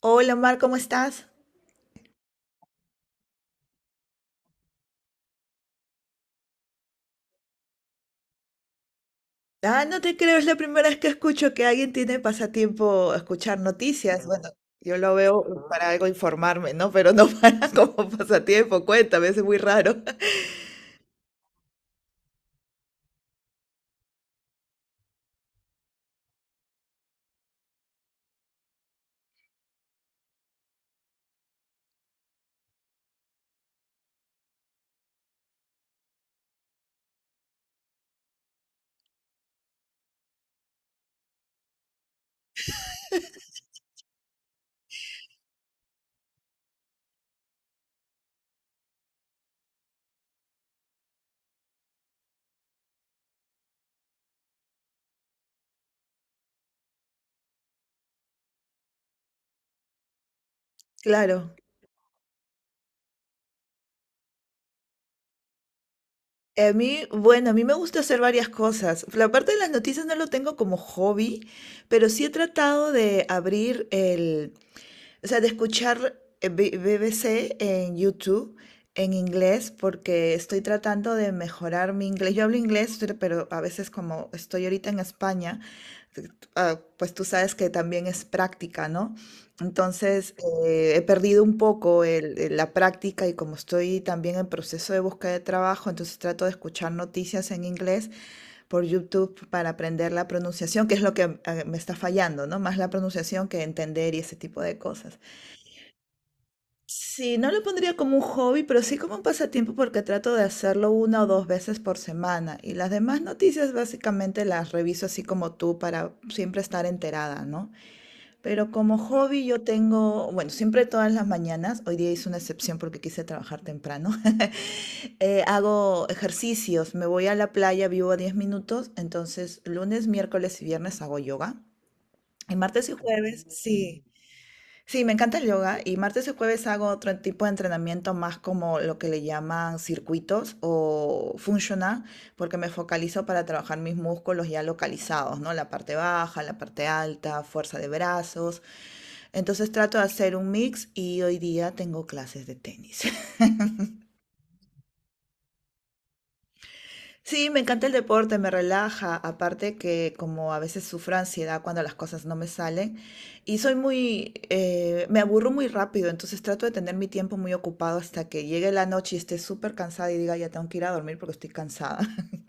Hola Mar, ¿cómo estás? Ah, no te creo, es la primera vez que escucho que alguien tiene pasatiempo escuchar noticias. Bueno, yo lo veo para algo informarme, ¿no? Pero no para como pasatiempo, cuéntame, es muy raro. Claro. A mí, bueno, a mí me gusta hacer varias cosas. La parte de las noticias no lo tengo como hobby, pero sí he tratado de abrir o sea, de escuchar BBC en YouTube en inglés porque estoy tratando de mejorar mi inglés. Yo hablo inglés, pero a veces como estoy ahorita en España, eh, pues tú sabes que también es práctica, ¿no? Entonces, he perdido un poco la práctica y como estoy también en proceso de búsqueda de trabajo, entonces trato de escuchar noticias en inglés por YouTube para aprender la pronunciación, que es lo que me está fallando, ¿no? Más la pronunciación que entender y ese tipo de cosas. Sí, no lo pondría como un hobby, pero sí como un pasatiempo porque trato de hacerlo una o dos veces por semana. Y las demás noticias básicamente las reviso así como tú para siempre estar enterada, ¿no? Pero como hobby yo tengo, bueno, siempre todas las mañanas, hoy día hice una excepción porque quise trabajar temprano. Hago ejercicios, me voy a la playa, vivo a 10 minutos, entonces lunes, miércoles y viernes hago yoga. Y martes y jueves, sí. Sí, me encanta el yoga y martes y jueves hago otro tipo de entrenamiento más como lo que le llaman circuitos o functional, porque me focalizo para trabajar mis músculos ya localizados, ¿no? La parte baja, la parte alta, fuerza de brazos. Entonces trato de hacer un mix y hoy día tengo clases de tenis. Sí, me encanta el deporte, me relaja, aparte que como a veces sufro ansiedad cuando las cosas no me salen y soy me aburro muy rápido, entonces trato de tener mi tiempo muy ocupado hasta que llegue la noche y esté súper cansada y diga ya tengo que ir a dormir porque estoy cansada.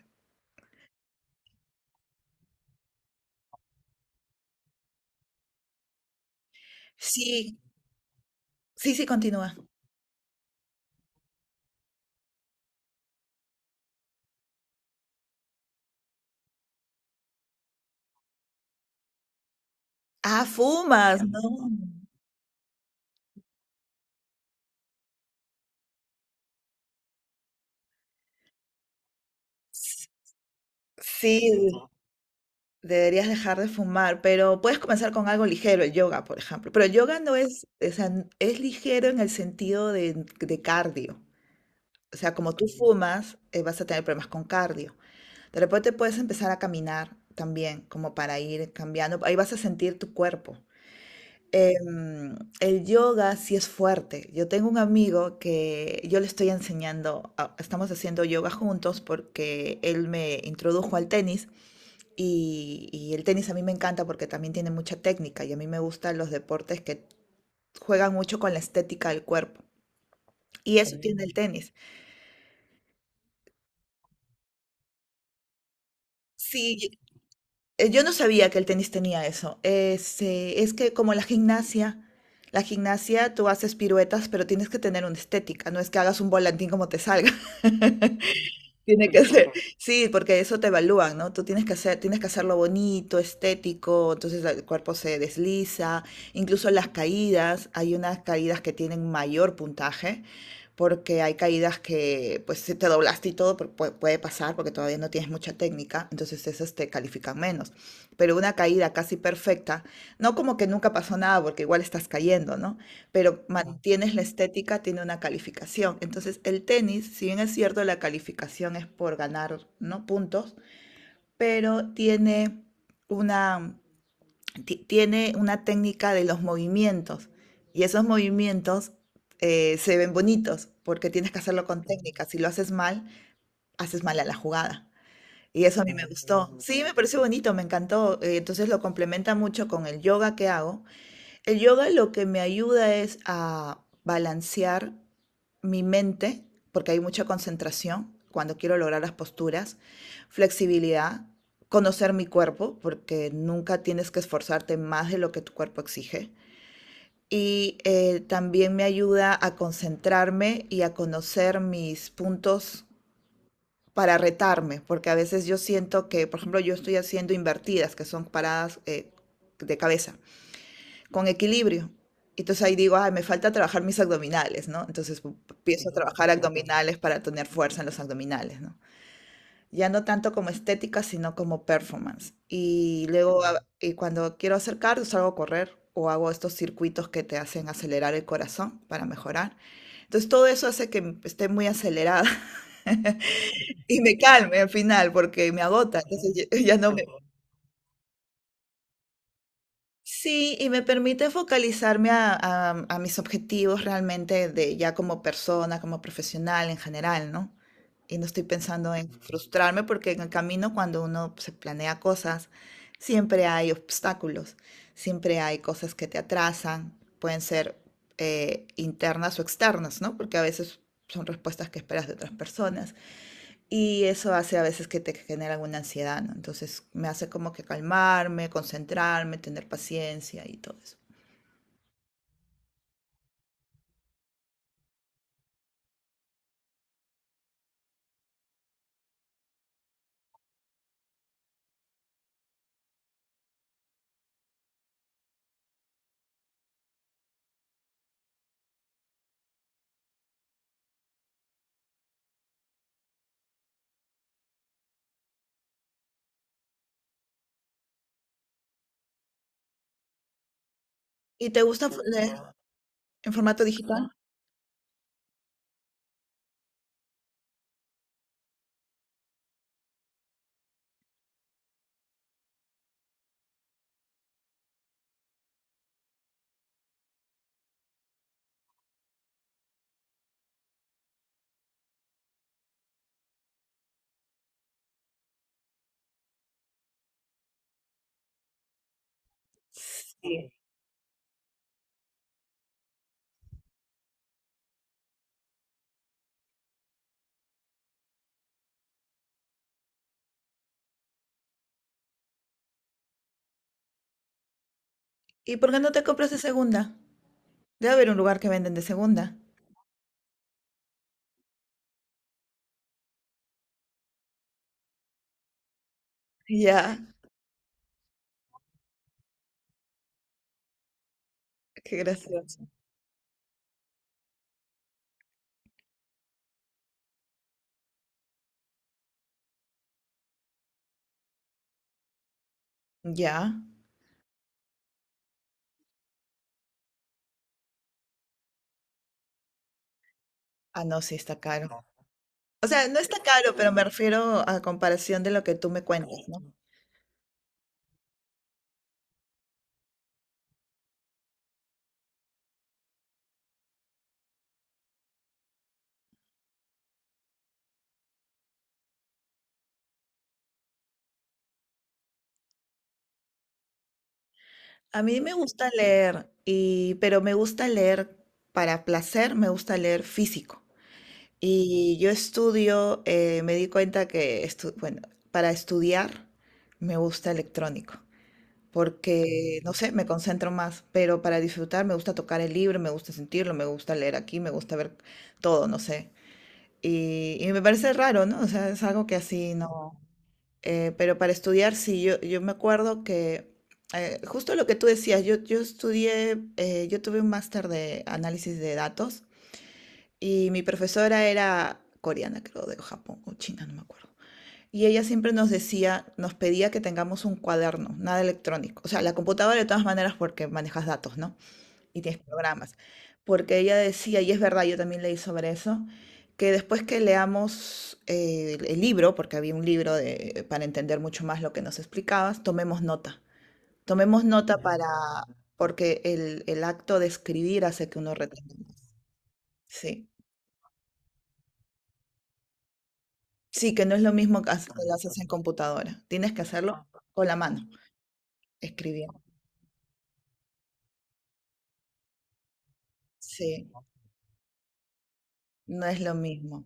Sí, sí, sí, continúa. Ah, fumas, ¿no? Sí, deberías dejar de fumar, pero puedes comenzar con algo ligero, el yoga, por ejemplo. Pero el yoga no es, o sea, es ligero en el sentido de cardio. O sea, como tú fumas, vas a tener problemas con cardio. De repente puedes empezar a caminar también, como para ir cambiando. Ahí vas a sentir tu cuerpo. El yoga sí es fuerte. Yo tengo un amigo que yo le estoy enseñando, estamos haciendo yoga juntos porque él me introdujo al tenis y el tenis a mí me encanta porque también tiene mucha técnica y a mí me gustan los deportes que juegan mucho con la estética del cuerpo. Y eso tiene, mm, el tenis. Sí, eh, yo no sabía que el tenis tenía eso. Es que como la gimnasia tú haces piruetas, pero tienes que tener una estética, no es que hagas un volantín como te salga. Tiene que ser, sí, porque eso te evalúan, ¿no? Tú tienes que hacer, tienes que hacerlo bonito, estético, entonces el cuerpo se desliza, incluso las caídas, hay unas caídas que tienen mayor puntaje porque hay caídas que pues si te doblaste y todo puede pasar porque todavía no tienes mucha técnica, entonces esas te califican menos. Pero una caída casi perfecta, no como que nunca pasó nada porque igual estás cayendo, ¿no? Pero mantienes la estética, tiene una calificación. Entonces el tenis, si bien es cierto la calificación es por ganar, ¿no?, puntos, pero tiene una, tiene una técnica de los movimientos y esos movimientos se ven bonitos porque tienes que hacerlo con técnica. Si lo haces mal a la jugada. Y eso a mí me gustó. Sí, me pareció bonito, me encantó. Entonces lo complementa mucho con el yoga que hago, el yoga lo que me ayuda es a balancear mi mente, porque hay mucha concentración cuando quiero lograr las posturas, flexibilidad, conocer mi cuerpo, porque nunca tienes que esforzarte más de lo que tu cuerpo exige. Y también me ayuda a concentrarme y a conocer mis puntos para retarme, porque a veces yo siento que, por ejemplo, yo estoy haciendo invertidas, que son paradas de cabeza con equilibrio. Entonces ahí digo, ay, me falta trabajar mis abdominales, ¿no? Entonces empiezo a trabajar abdominales para tener fuerza en los abdominales, ¿no? Ya no tanto como estética, sino como performance. Y luego, y cuando quiero hacer cardio, salgo a correr o hago estos circuitos que te hacen acelerar el corazón para mejorar. Entonces todo eso hace que esté muy acelerada y me calme al final porque me agota. Entonces ya no. Sí, y me permite focalizarme a mis objetivos realmente de ya como persona, como profesional en general, ¿no? Y no estoy pensando en frustrarme porque en el camino cuando uno se planea cosas, siempre hay obstáculos, siempre hay cosas que te atrasan, pueden ser internas o externas, ¿no? Porque a veces son respuestas que esperas de otras personas. Y eso hace a veces que te genera alguna ansiedad, ¿no? Entonces me hace como que calmarme, concentrarme, tener paciencia y todo eso. ¿Y te gusta leer en formato digital? Sí. ¿Y por qué no te compras de segunda? Debe haber un lugar que venden de segunda. Ya, qué gracioso. Ya. Ah, no, sí, está caro. O sea, no está caro, pero me refiero a comparación de lo que tú me cuentas, ¿no? A mí me gusta leer, y, pero me gusta leer para placer, me gusta leer físico. Y yo estudio, me di cuenta que, bueno, para estudiar me gusta electrónico, porque, no sé, me concentro más, pero para disfrutar me gusta tocar el libro, me gusta sentirlo, me gusta leer aquí, me gusta ver todo, no sé. Y me parece raro, ¿no? O sea, es algo que así no... pero para estudiar, sí, yo me acuerdo que, justo lo que tú decías, yo estudié, yo tuve un máster de análisis de datos. Y mi profesora era coreana, creo, de Japón o China, no me acuerdo. Y ella siempre nos decía, nos pedía que tengamos un cuaderno, nada electrónico. O sea, la computadora de todas maneras porque manejas datos, ¿no? Y tienes programas. Porque ella decía, y es verdad, yo también leí sobre eso, que después que leamos el libro, porque había un libro para entender mucho más lo que nos explicabas, tomemos nota. Tomemos nota para, ah, porque el acto de escribir hace que uno retenga más. Sí. Sí, que no es lo mismo que que lo, claro, haces en computadora. Tienes que hacerlo con la mano, escribiendo. Sí, no es lo mismo.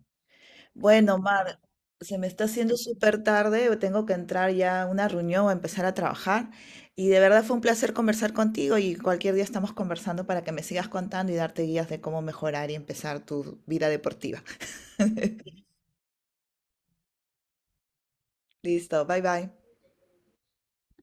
Bueno, Mar, se me está haciendo súper tarde, tengo que entrar ya a una reunión o empezar a trabajar. Y de verdad fue un placer conversar contigo y cualquier día estamos conversando para que me sigas contando y darte guías de cómo mejorar y empezar tu vida deportiva. Listo, bye bye.